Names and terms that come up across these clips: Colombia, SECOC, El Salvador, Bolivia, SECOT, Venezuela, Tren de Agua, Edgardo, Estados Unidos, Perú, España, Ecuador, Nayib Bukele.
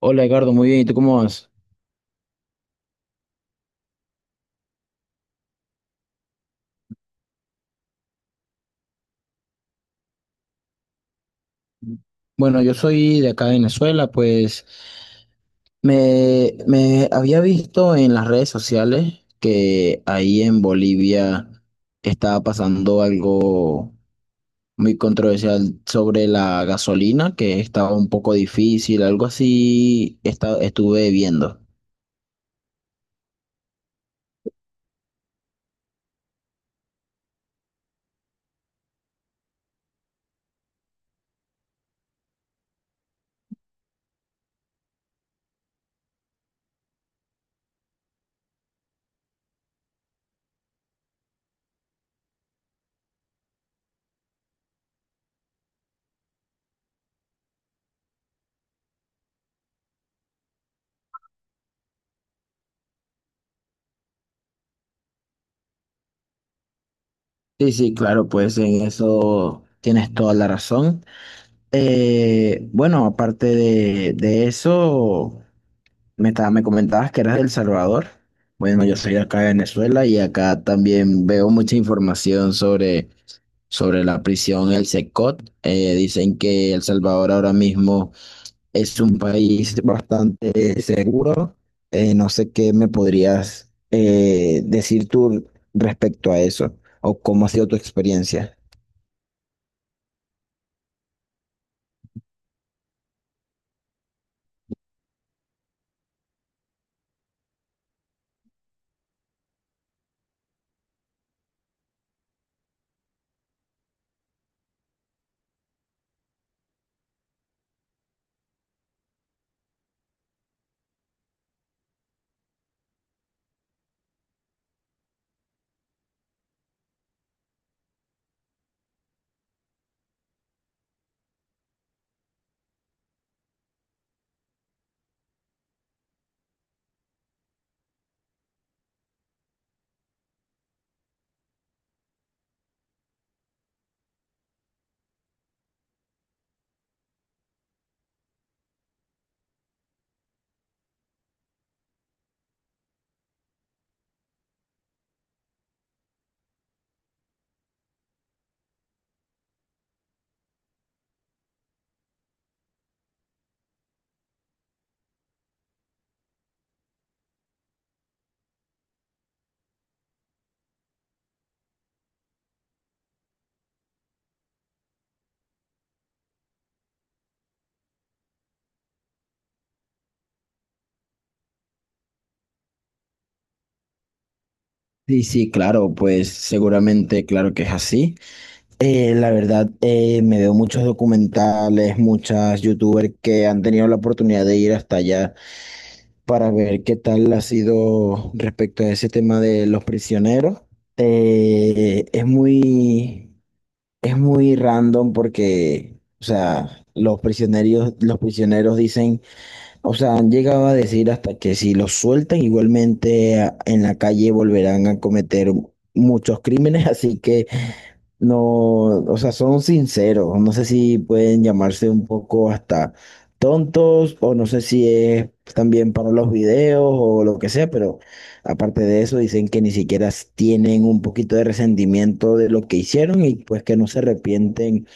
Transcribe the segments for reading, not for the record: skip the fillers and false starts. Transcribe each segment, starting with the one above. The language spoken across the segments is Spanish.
Hola Edgardo, muy bien, ¿y tú cómo vas? Bueno, yo soy de acá de Venezuela, pues me había visto en las redes sociales que ahí en Bolivia estaba pasando algo muy controversial sobre la gasolina, que estaba un poco difícil, algo así estuve viendo. Sí, sí, claro, pues en eso tienes toda la razón. Bueno, aparte de eso... Me comentabas que eras de El Salvador. Bueno, yo soy de acá de Venezuela y acá también veo mucha información sobre la prisión, el SECOT. Dicen que El Salvador ahora mismo es un país bastante seguro. No sé qué me podrías decir tú respecto a eso o cómo ha sido tu experiencia. Sí, sí, claro, pues seguramente, claro que es así. La verdad, me veo muchos documentales, muchas youtubers que han tenido la oportunidad de ir hasta allá para ver qué tal ha sido respecto a ese tema de los prisioneros. Eh, es muy, es muy random porque, o sea, los prisioneros dicen, o sea, han llegado a decir hasta que si los sueltan, igualmente en la calle volverán a cometer muchos crímenes, así que no, o sea, son sinceros. No sé si pueden llamarse un poco hasta tontos o no sé si es también para los videos o lo que sea, pero aparte de eso dicen que ni siquiera tienen un poquito de resentimiento de lo que hicieron y pues que no se arrepienten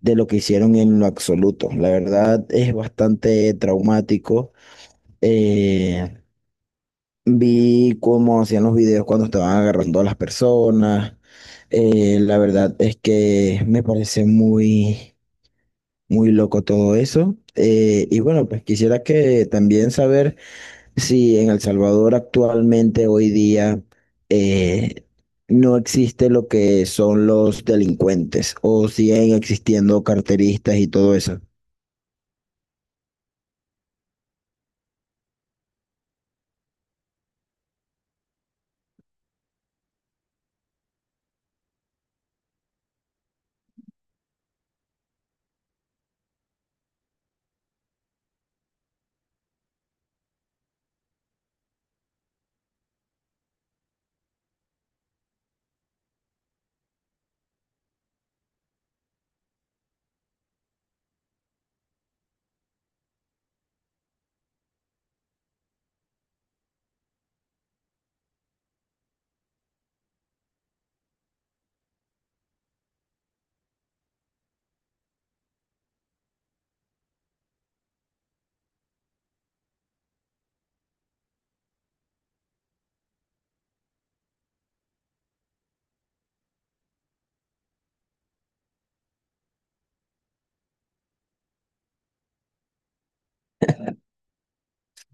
de lo que hicieron en lo absoluto. La verdad es bastante traumático. Eh, Vi cómo hacían los videos cuando estaban agarrando a las personas. La verdad es que me parece muy, muy loco todo eso. Y bueno, pues quisiera que también saber si en El Salvador actualmente, hoy día, eh, no existe lo que son los delincuentes o siguen existiendo carteristas y todo eso.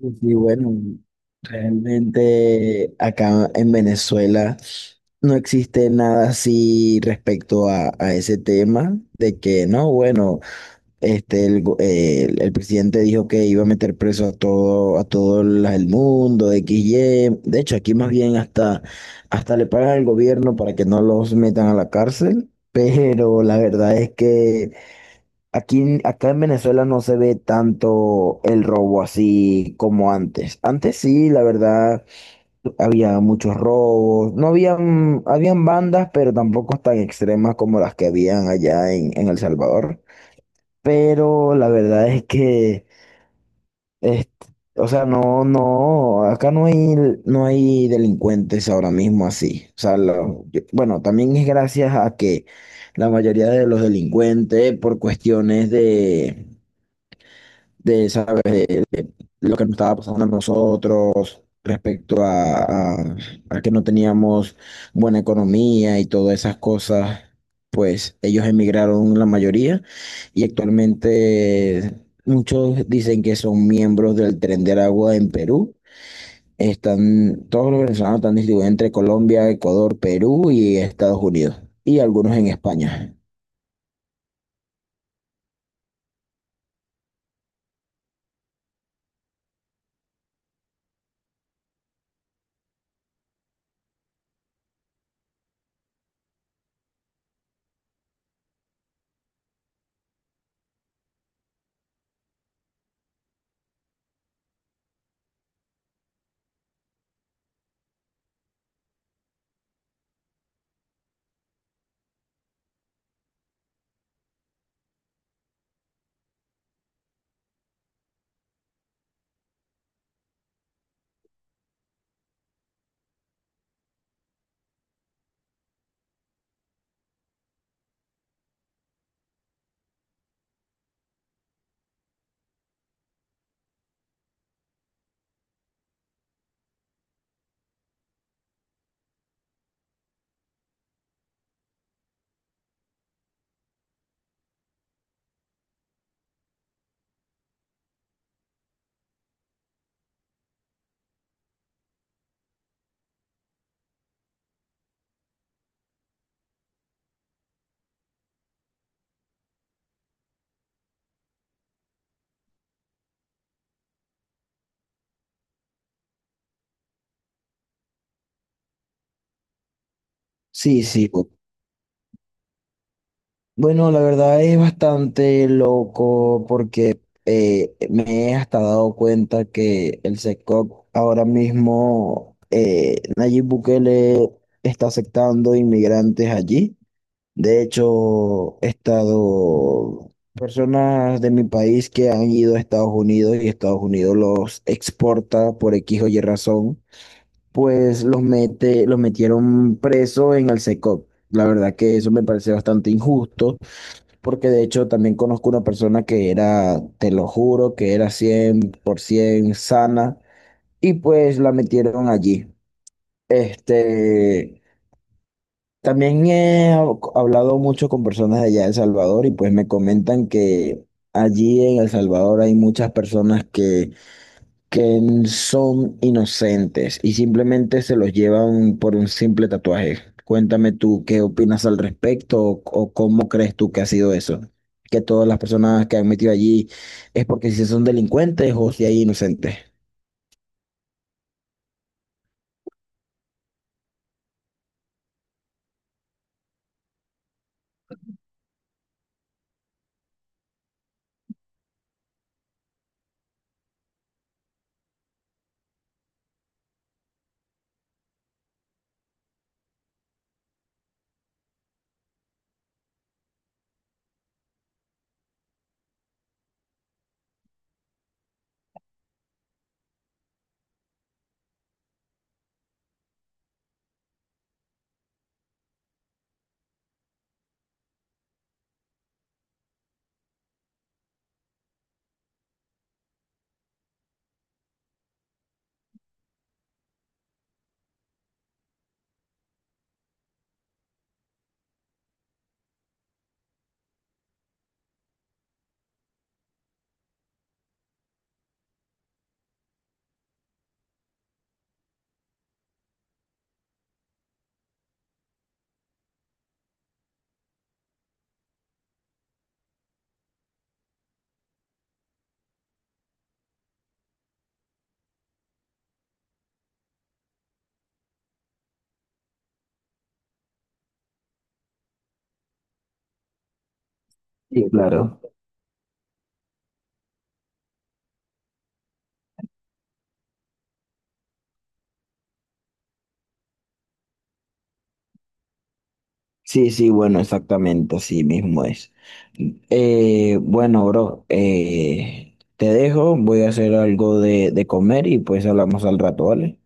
Y bueno, realmente acá en Venezuela no existe nada así respecto a ese tema de que no, bueno, el presidente dijo que iba a meter preso a a todo el mundo, X, Y. De hecho, aquí más bien, hasta le pagan al gobierno para que no los metan a la cárcel, pero la verdad es que aquí, acá en Venezuela no se ve tanto el robo así como antes. Antes sí, la verdad, había muchos robos. No habían, habían bandas, pero tampoco tan extremas como las que habían allá en El Salvador. Pero la verdad es que, este, o sea, no, acá no hay delincuentes ahora mismo así. O sea, bueno, también es gracias a que la mayoría de los delincuentes por cuestiones de saber lo que nos estaba pasando a nosotros respecto a que no teníamos buena economía y todas esas cosas, pues ellos emigraron la mayoría y actualmente muchos dicen que son miembros del Tren de Agua en Perú. Están, todos los venezolanos están distribuidos entre Colombia, Ecuador, Perú y Estados Unidos y algunos en España. Sí, sí, bueno, la verdad es bastante loco porque me he hasta dado cuenta que el SECOC ahora mismo, Nayib Bukele está aceptando inmigrantes allí. De hecho, he estado personas de mi país que han ido a Estados Unidos y Estados Unidos los exporta por X o Y razón, pues los metieron preso en el SECOC. La verdad que eso me parece bastante injusto porque de hecho también conozco una persona que era, te lo juro, que era 100% sana y pues la metieron allí. Este, también he hablado mucho con personas de allá de El Salvador y pues me comentan que allí en El Salvador hay muchas personas que son inocentes y simplemente se los llevan por un simple tatuaje. Cuéntame tú qué opinas al respecto o cómo crees tú que ha sido eso, que todas las personas que han metido allí es porque si son delincuentes o si hay inocentes. Sí, claro. Sí, sí, bueno, exactamente, así mismo es. Bueno, bro, te dejo, voy a hacer algo de comer y pues hablamos al rato, ¿vale?